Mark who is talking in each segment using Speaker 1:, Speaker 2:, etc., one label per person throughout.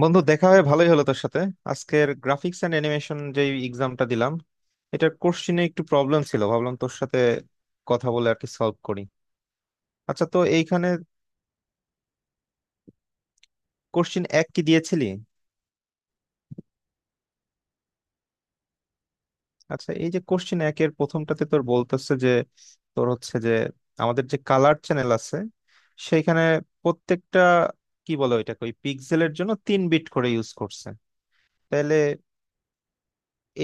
Speaker 1: বন্ধু দেখা হয়ে ভালোই হলো তোর সাথে। আজকের গ্রাফিক্স এন্ড অ্যানিমেশন যে এক্সামটা দিলাম, এটার কোশ্চিনে একটু প্রবলেম ছিল, ভাবলাম তোর সাথে কথা বলে আর কি সলভ করি। আচ্ছা, তো এইখানে কোশ্চিন এক কি দিয়েছিলি? আচ্ছা, এই যে কোশ্চিন একের প্রথমটাতে তোর বলতেছে যে তোর হচ্ছে যে আমাদের যে কালার চ্যানেল আছে সেইখানে প্রত্যেকটা কি বলে ওইটাকে, ওই পিক্সেলের জন্য তিন বিট করে ইউজ করছে। তাহলে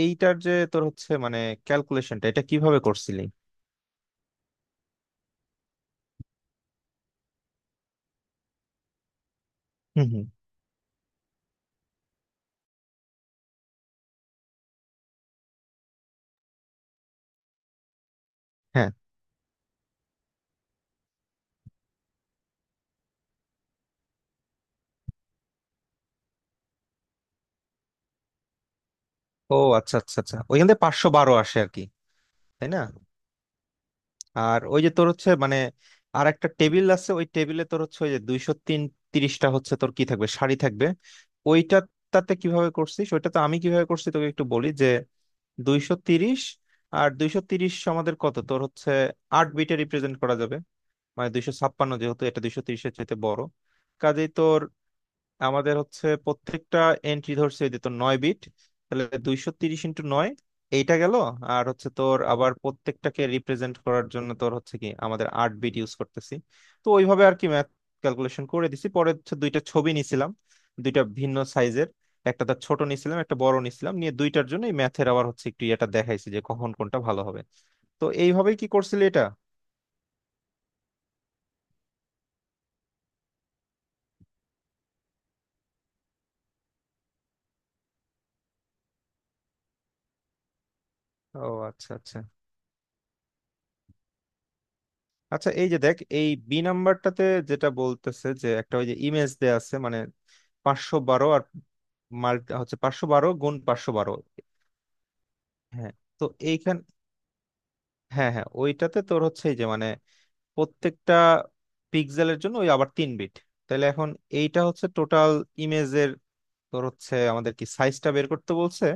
Speaker 1: এইটার যে তোর হচ্ছে মানে ক্যালকুলেশনটা এটা কিভাবে করছিলি? হুম। হুম। ও আচ্ছা আচ্ছা আচ্ছা, ওইখান থেকে পাঁচশো বারো আসে আর কি, তাই না? আর ওই যে তোর হচ্ছে মানে আর একটা টেবিল আছে, ওই টেবিলে তোর হচ্ছে ওই যে দুইশো তিন তিরিশটা হচ্ছে তোর কি থাকবে, শাড়ি থাকবে ওইটা, তাতে কিভাবে করছিস? ওইটা তো আমি কিভাবে করছি তোকে একটু বলি যে দুইশো তিরিশ আর দুইশো তিরিশ আমাদের কত তোর হচ্ছে আট বিটে রিপ্রেজেন্ট করা যাবে, মানে দুইশো ছাপ্পান্ন, যেহেতু এটা দুইশো তিরিশের চাইতে বড়, কাজেই তোর আমাদের হচ্ছে প্রত্যেকটা এন্ট্রি ধরছে ওই যে তোর নয় বিট। তাহলে দুইশো তিরিশ ইন্টু নয়, এইটা গেল। আর হচ্ছে তোর আবার প্রত্যেকটাকে রিপ্রেজেন্ট করার জন্য তোর হচ্ছে কি আমাদের আট বিট ইউজ করতেছি। তো ওইভাবে আর কি ম্যাথ ক্যালকুলেশন করে দিছি, পরে হচ্ছে দুইটা ছবি নিছিলাম, দুইটা ভিন্ন সাইজের, একটা তার ছোট নিছিলাম একটা বড় নিছিলাম, নিয়ে দুইটার জন্য এই ম্যাথের আবার হচ্ছে একটু এটা দেখাইছি যে কখন কোনটা ভালো হবে। তো এইভাবেই কি করছিলি এটা? ও আচ্ছা আচ্ছা। আচ্ছা এই যে দেখ, এই বি নাম্বারটাতে যেটা বলতেছে যে একটা ওই যে ইমেজ দেয়া আছে, মানে পাঁচশো বারো আর মাল্টি হচ্ছে পাঁচশো বারো গুণ পাঁচশো বারো। হ্যাঁ, তো এইখান, হ্যাঁ হ্যাঁ ওইটাতে তোর হচ্ছে এই যে মানে প্রত্যেকটা পিক্সেলের জন্য ওই আবার তিন বিট। তাহলে এখন এইটা হচ্ছে টোটাল ইমেজের, তোর হচ্ছে আমাদের কি সাইজটা বের করতে বলছে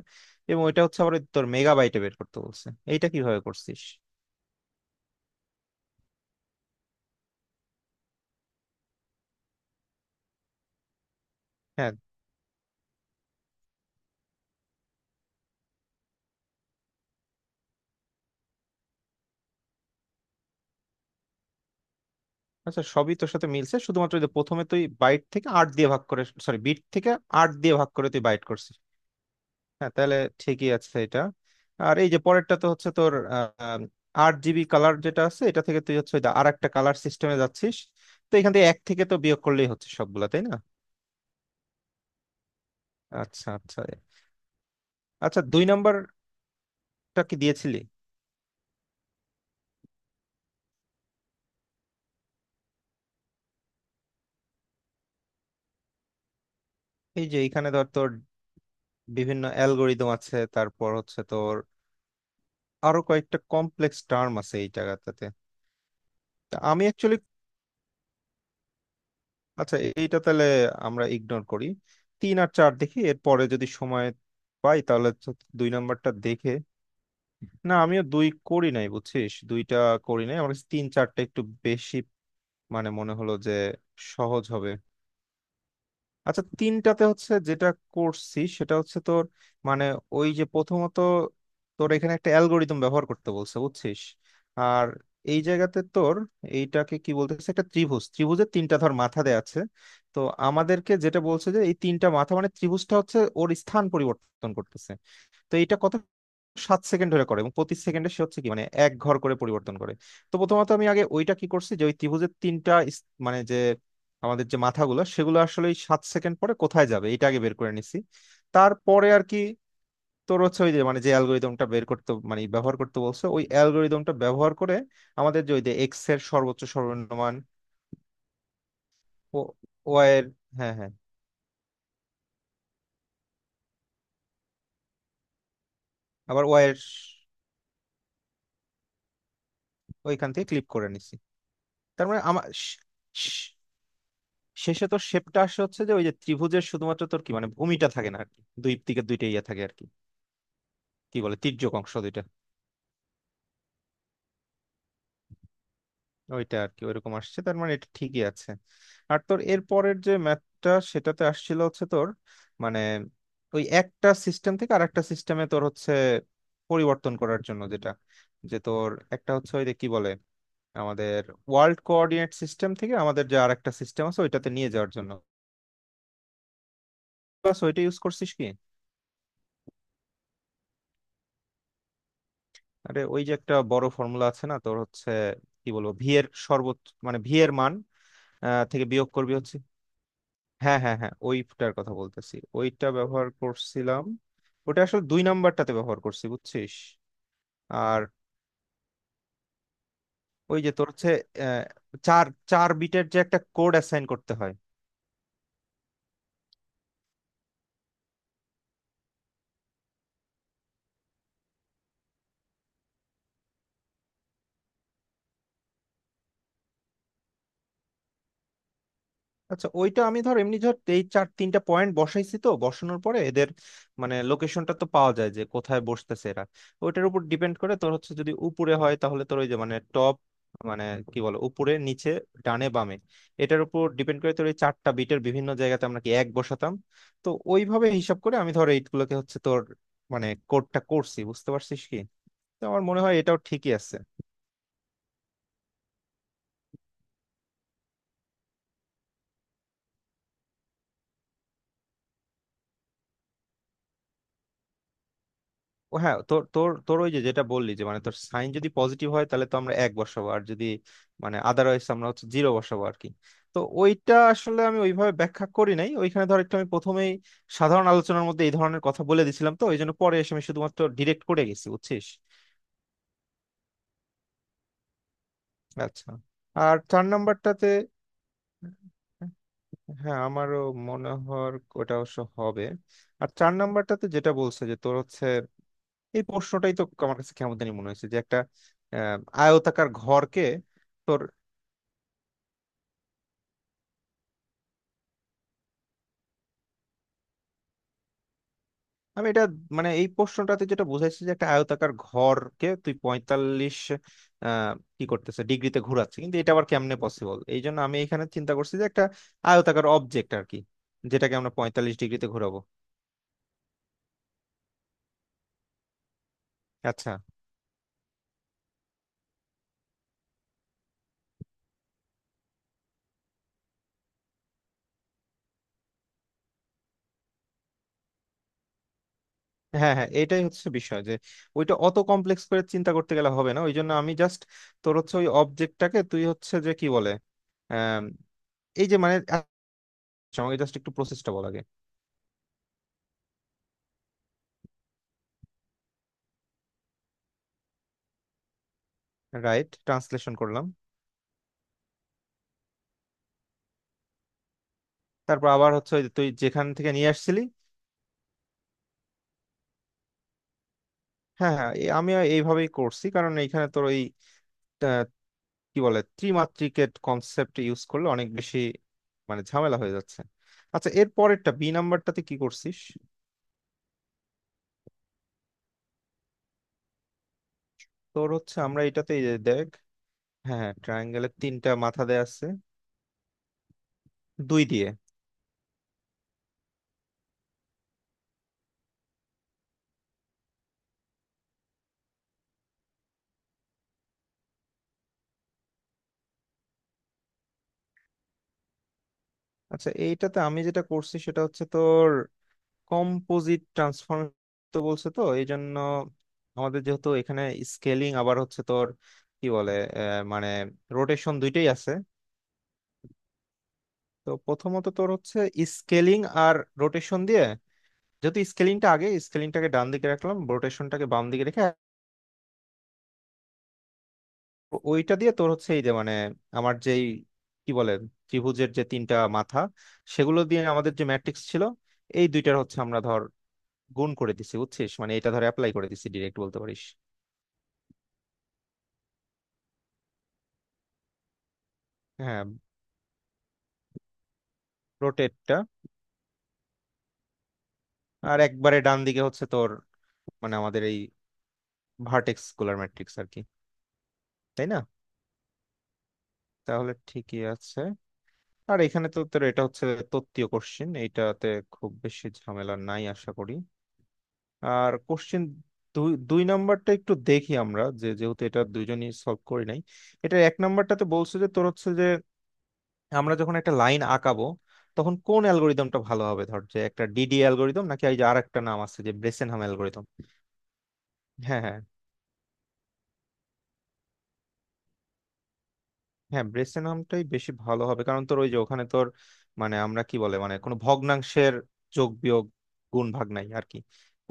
Speaker 1: এবং ওইটা হচ্ছে আবার ওই তোর মেগাবাইটে বের করতে বলছে। এইটা কিভাবে করছিস? হ্যাঁ। আচ্ছা, সবই তোর সাথে মিলছে, শুধুমাত্র ওই যে প্রথমে তুই বাইট থেকে আট দিয়ে ভাগ করে, সরি, বিট থেকে আট দিয়ে ভাগ করে তুই বাইট করছিস। হ্যাঁ, তাহলে ঠিকই আছে এটা। আর এই যে পরেরটা তো হচ্ছে তোর আট জিবি কালার যেটা আছে এটা থেকে তুই হচ্ছে আর একটা কালার সিস্টেমে যাচ্ছিস, তো এখান থেকে এক থেকে তো বিয়োগ করলেই হচ্ছে সবগুলা, তাই না? আচ্ছা আচ্ছা। আচ্ছা, দুই নাম্বারটা কি দিয়েছিলি? এই যে এখানে ধর তোর বিভিন্ন অ্যালগোরিদম আছে তারপর হচ্ছে তোর আরো কয়েকটা কমপ্লেক্স টার্ম আছে এই জায়গাটাতে। তা আমি অ্যাকচুয়ালি, আচ্ছা এইটা তাহলে আমরা ইগনোর করি। তিন আর চার দেখি, এরপরে যদি সময় পাই তাহলে তো দুই নাম্বারটা দেখে। না, আমিও দুই করি নাই বুঝছিস, দুইটা করি নাই, আমার কাছে তিন চারটা একটু বেশি মানে মনে হলো যে সহজ হবে। আচ্ছা, তিনটাতে হচ্ছে যেটা করছি সেটা হচ্ছে তোর মানে ওই যে প্রথমত তোর এখানে একটা অ্যালগোরিদম ব্যবহার করতে বলছে বুঝছিস। আর এই জায়গাতে তোর এইটাকে কি বলতেছে, একটা ত্রিভুজ, ত্রিভুজের তিনটা ধর মাথা দেয়া আছে। তো আমাদেরকে যেটা বলছে যে এই তিনটা মাথা মানে ত্রিভুজটা হচ্ছে ওর স্থান পরিবর্তন করতেছে। তো এইটা কত সাত সেকেন্ড ধরে করে এবং প্রতি সেকেন্ডে সে হচ্ছে কি মানে এক ঘর করে পরিবর্তন করে। তো প্রথমত আমি আগে ওইটা কি করছি যে ওই ত্রিভুজের তিনটা মানে যে আমাদের যে মাথাগুলো সেগুলো আসলে ওই সাত সেকেন্ড পরে কোথায় যাবে এটা আগে বের করে নিছি। তারপরে আর কি তোর হচ্ছে ওই যে মানে যে অ্যালগোরিদমটা বের করতে মানে ব্যবহার করতে বলছো ওই অ্যালগোরিদমটা ব্যবহার করে আমাদের যে ওই যে এক্স এর সর্বোচ্চ সর্বনিম্ন মান, ও ওয়াই এর, হ্যাঁ হ্যাঁ, আবার ওয়াই এর ওইখান থেকে ক্লিক করে নিছি। তার মানে আমার শেষে তো শেপটা আসে হচ্ছে যে ওই যে ত্রিভুজের শুধুমাত্র তোর কি মানে ভূমিটা থাকে না আর কি, দুই দিকে দুইটা ইয়ে থাকে আর কি, কি বলে তির্যক অংশ দুইটা। ওইটা আর কি ওইরকম আসছে, তার মানে এটা ঠিকই আছে। আর তোর এর পরের যে ম্যাথটা সেটাতে আসছিল হচ্ছে তোর মানে ওই একটা সিস্টেম থেকে আর একটা সিস্টেমে তোর হচ্ছে পরিবর্তন করার জন্য যেটা, যে তোর একটা হচ্ছে ওই যে কি বলে আমাদের ওয়ার্ল্ড কোঅর্ডিনেট সিস্টেম থেকে আমাদের যে আর একটা সিস্টেম আছে ওইটাতে নিয়ে যাওয়ার জন্য। বাস ওইটা ইউজ করছিস কি? আরে ওই যে একটা বড় ফর্মুলা আছে না তোর হচ্ছে কি বলবো ভি এর সর্বোচ্চ মানে ভি এর মান থেকে বিয়োগ করবি হচ্ছে। হ্যাঁ হ্যাঁ হ্যাঁ, ওইটার কথা বলতেছি, ওইটা ব্যবহার করছিলাম। ওটা আসলে দুই নাম্বারটাতে ব্যবহার করছি বুঝছিস। আর ওই যে তোর হচ্ছে আহ, চার চার বিটের যে একটা কোড অ্যাসাইন করতে হয়। আচ্ছা, ওইটা আমি ধর এমনি ধর এই চার তিনটা পয়েন্ট বসাইছি, তো বসানোর পরে এদের মানে লোকেশনটা তো পাওয়া যায় যে কোথায় বসতেছে এরা। ওইটার উপর ডিপেন্ড করে তোর হচ্ছে যদি উপরে হয় তাহলে তোর ওই যে মানে টপ মানে কি বলো উপরে নিচে ডানে বামে, এটার উপর ডিপেন্ড করে তোর এই চারটা বিটের বিভিন্ন জায়গাতে আমরা কি এক বসাতাম। তো ওইভাবে হিসাব করে আমি ধর এইগুলোকে হচ্ছে তোর মানে কোডটা করছি, বুঝতে পারছিস কি? তো আমার মনে হয় এটাও ঠিকই আছে। ও হ্যাঁ, তোর তোর তোর ওই যে যেটা বললি যে মানে তোর সাইন যদি পজিটিভ হয় তাহলে তো আমরা এক বসাবো, আর যদি মানে আদারওয়াইজ আমরা হচ্ছে জিরো বসাবো আর কি। তো ওইটা আসলে আমি ওইভাবে ব্যাখ্যা করি নাই, ওইখানে ধর একটু আমি প্রথমেই সাধারণ আলোচনার মধ্যে এই ধরনের কথা বলে দিছিলাম, তো ওই জন্য পরে এসে আমি শুধুমাত্র ডিরেক্ট করে গেছি বুঝছিস। আচ্ছা আর চার নাম্বারটাতে, হ্যাঁ আমারও মনে হয় ওটা অবশ্য হবে। আর চার নাম্বারটাতে যেটা বলছে যে তোর হচ্ছে এই প্রশ্নটাই তো আমার কাছে কেমন জানি মনে হয়েছে যে একটা আহ, আয়তাকার ঘরকে তোর, আমি এটা মানে এই প্রশ্নটাতে যেটা বুঝাইছে যে একটা আয়তাকার ঘরকে তুই পঁয়তাল্লিশ আহ কি করতেছে, ডিগ্রিতে ঘোরাচ্ছে, কিন্তু এটা আবার কেমনে পসিবল, এই জন্য আমি এখানে চিন্তা করছি যে একটা আয়তাকার অবজেক্ট আর কি যেটাকে আমরা পঁয়তাল্লিশ ডিগ্রিতে ঘোরাবো। আচ্ছা। হ্যাঁ হ্যাঁ, এটাই হচ্ছে বিষয় যে ওইটা অত কমপ্লেক্স করে চিন্তা করতে গেলে হবে না, ওই জন্য আমি জাস্ট তোর হচ্ছে ওই অবজেক্টটাকে তুই হচ্ছে যে কি বলে আহ এই যে মানে, আচ্ছা, আমাকে জাস্ট একটু প্রসেসটা বল আগে। রাইট, ট্রান্সলেশন করলাম। তারপর আবার হচ্ছে ওই যে তুই যেখান থেকে নিয়ে আসছিলি। হ্যাঁ হ্যাঁ, আমি এইভাবেই করছি কারণ এইখানে তোর ওই আহ, কি বলে ত্রিমাত্রিকের কনসেপ্ট ইউজ করলে অনেক বেশি মানে ঝামেলা হয়ে যাচ্ছে। আচ্ছা, এর পরেরটা বি নাম্বারটাতে কি করছিস? তোর হচ্ছে আমরা এটাতে এই যে দেখ, হ্যাঁ হ্যাঁ, ট্রায়াঙ্গেলের তিনটা মাথা দেয়া আছে, দুই দিয়ে। আচ্ছা, এইটাতে আমি যেটা করছি সেটা হচ্ছে তোর কম্পোজিট ট্রান্সফর্ম, তো বলছে, তো এই জন্য আমাদের যেহেতু এখানে স্কেলিং আবার হচ্ছে তোর কি বলে মানে রোটেশন দুইটাই আছে। তো প্রথমত তোর হচ্ছে স্কেলিং আর রোটেশন দিয়ে, যেহেতু স্কেলিংটা আগে, স্কেলিংটাকে ডান দিকে রাখলাম রোটেশনটাকে বাম দিকে রেখে, ওইটা দিয়ে তোর হচ্ছে এই যে মানে আমার যেই কি বলে ত্রিভুজের যে তিনটা মাথা সেগুলো দিয়ে আমাদের যে ম্যাট্রিক্স ছিল, এই দুইটার হচ্ছে আমরা ধর গুণ করে দিছি বুঝছিস, মানে এটা ধর অ্যাপ্লাই করে দিছি, ডিরেক্ট বলতে পারিস। হ্যাঁ, রোটেটটা, আর একবারে ডান দিকে হচ্ছে তোর মানে আমাদের এই ভার্টেক্স স্কুলার ম্যাট্রিক্স আর কি, তাই না? তাহলে ঠিকই আছে। আর এখানে তো তোর এটা হচ্ছে তত্ত্বীয় কোশ্চেন, এইটাতে খুব বেশি ঝামেলা নাই আশা করি। আর কোশ্চেন দুই দুই নাম্বারটা একটু দেখি, আমরা যে যেহেতু এটা দুইজনই সলভ করি নাই। এটা এক নাম্বারটাতে বলছে যে তোর হচ্ছে যে আমরা যখন একটা লাইন আঁকাবো তখন কোন অ্যালগোরিদমটা ভালো হবে, ধর যে একটা ডিডি অ্যালগোরিদম নাকি এই যে আর একটা নাম আছে যে ব্রেসেনহাম অ্যালগোরিদম। হ্যাঁ হ্যাঁ, হ্যাঁ ব্রেসেনহামটাই বেশি ভালো হবে কারণ তোর ওই যে ওখানে তোর মানে আমরা কি বলে মানে কোনো ভগ্নাংশের যোগ বিয়োগ গুণ ভাগ নাই আর কি।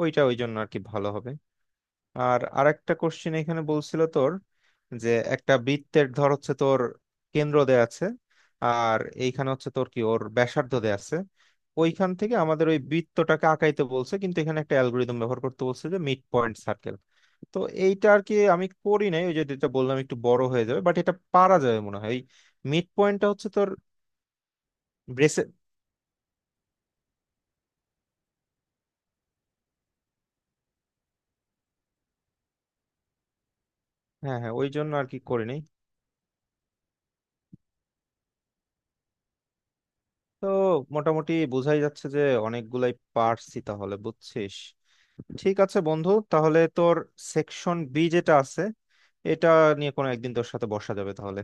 Speaker 1: ওইটা ওই জন্য আর কি ভালো হবে। আর আরেকটা কোশ্চেন এখানে বলছিল তোর যে একটা বৃত্তের ধর হচ্ছে তোর কেন্দ্র দেয়া আছে আর এইখানে হচ্ছে তোর কি ওর ব্যাসার্ধ দেয়া আছে, ওইখান থেকে আমাদের ওই বৃত্তটাকে আঁকাইতে বলছে, কিন্তু এখানে একটা অ্যালগোরিদম ব্যবহার করতে বলছে যে মিড পয়েন্ট সার্কেল। তো এইটা আর কি আমি করি নাই, ওই যে যেটা বললাম একটু বড় হয়ে যাবে, বাট এটা পারা যাবে মনে হয়। মিড পয়েন্টটা হচ্ছে তোর ব্রেসে হ্যাঁ হ্যাঁ, ওই জন্য আর কি করি নাই। তো মোটামুটি বোঝাই যাচ্ছে যে অনেকগুলাই পারছি তাহলে, বুঝছিস? ঠিক আছে বন্ধু, তাহলে তোর সেকশন বি যেটা আছে এটা নিয়ে কোনো একদিন তোর সাথে বসা যাবে তাহলে।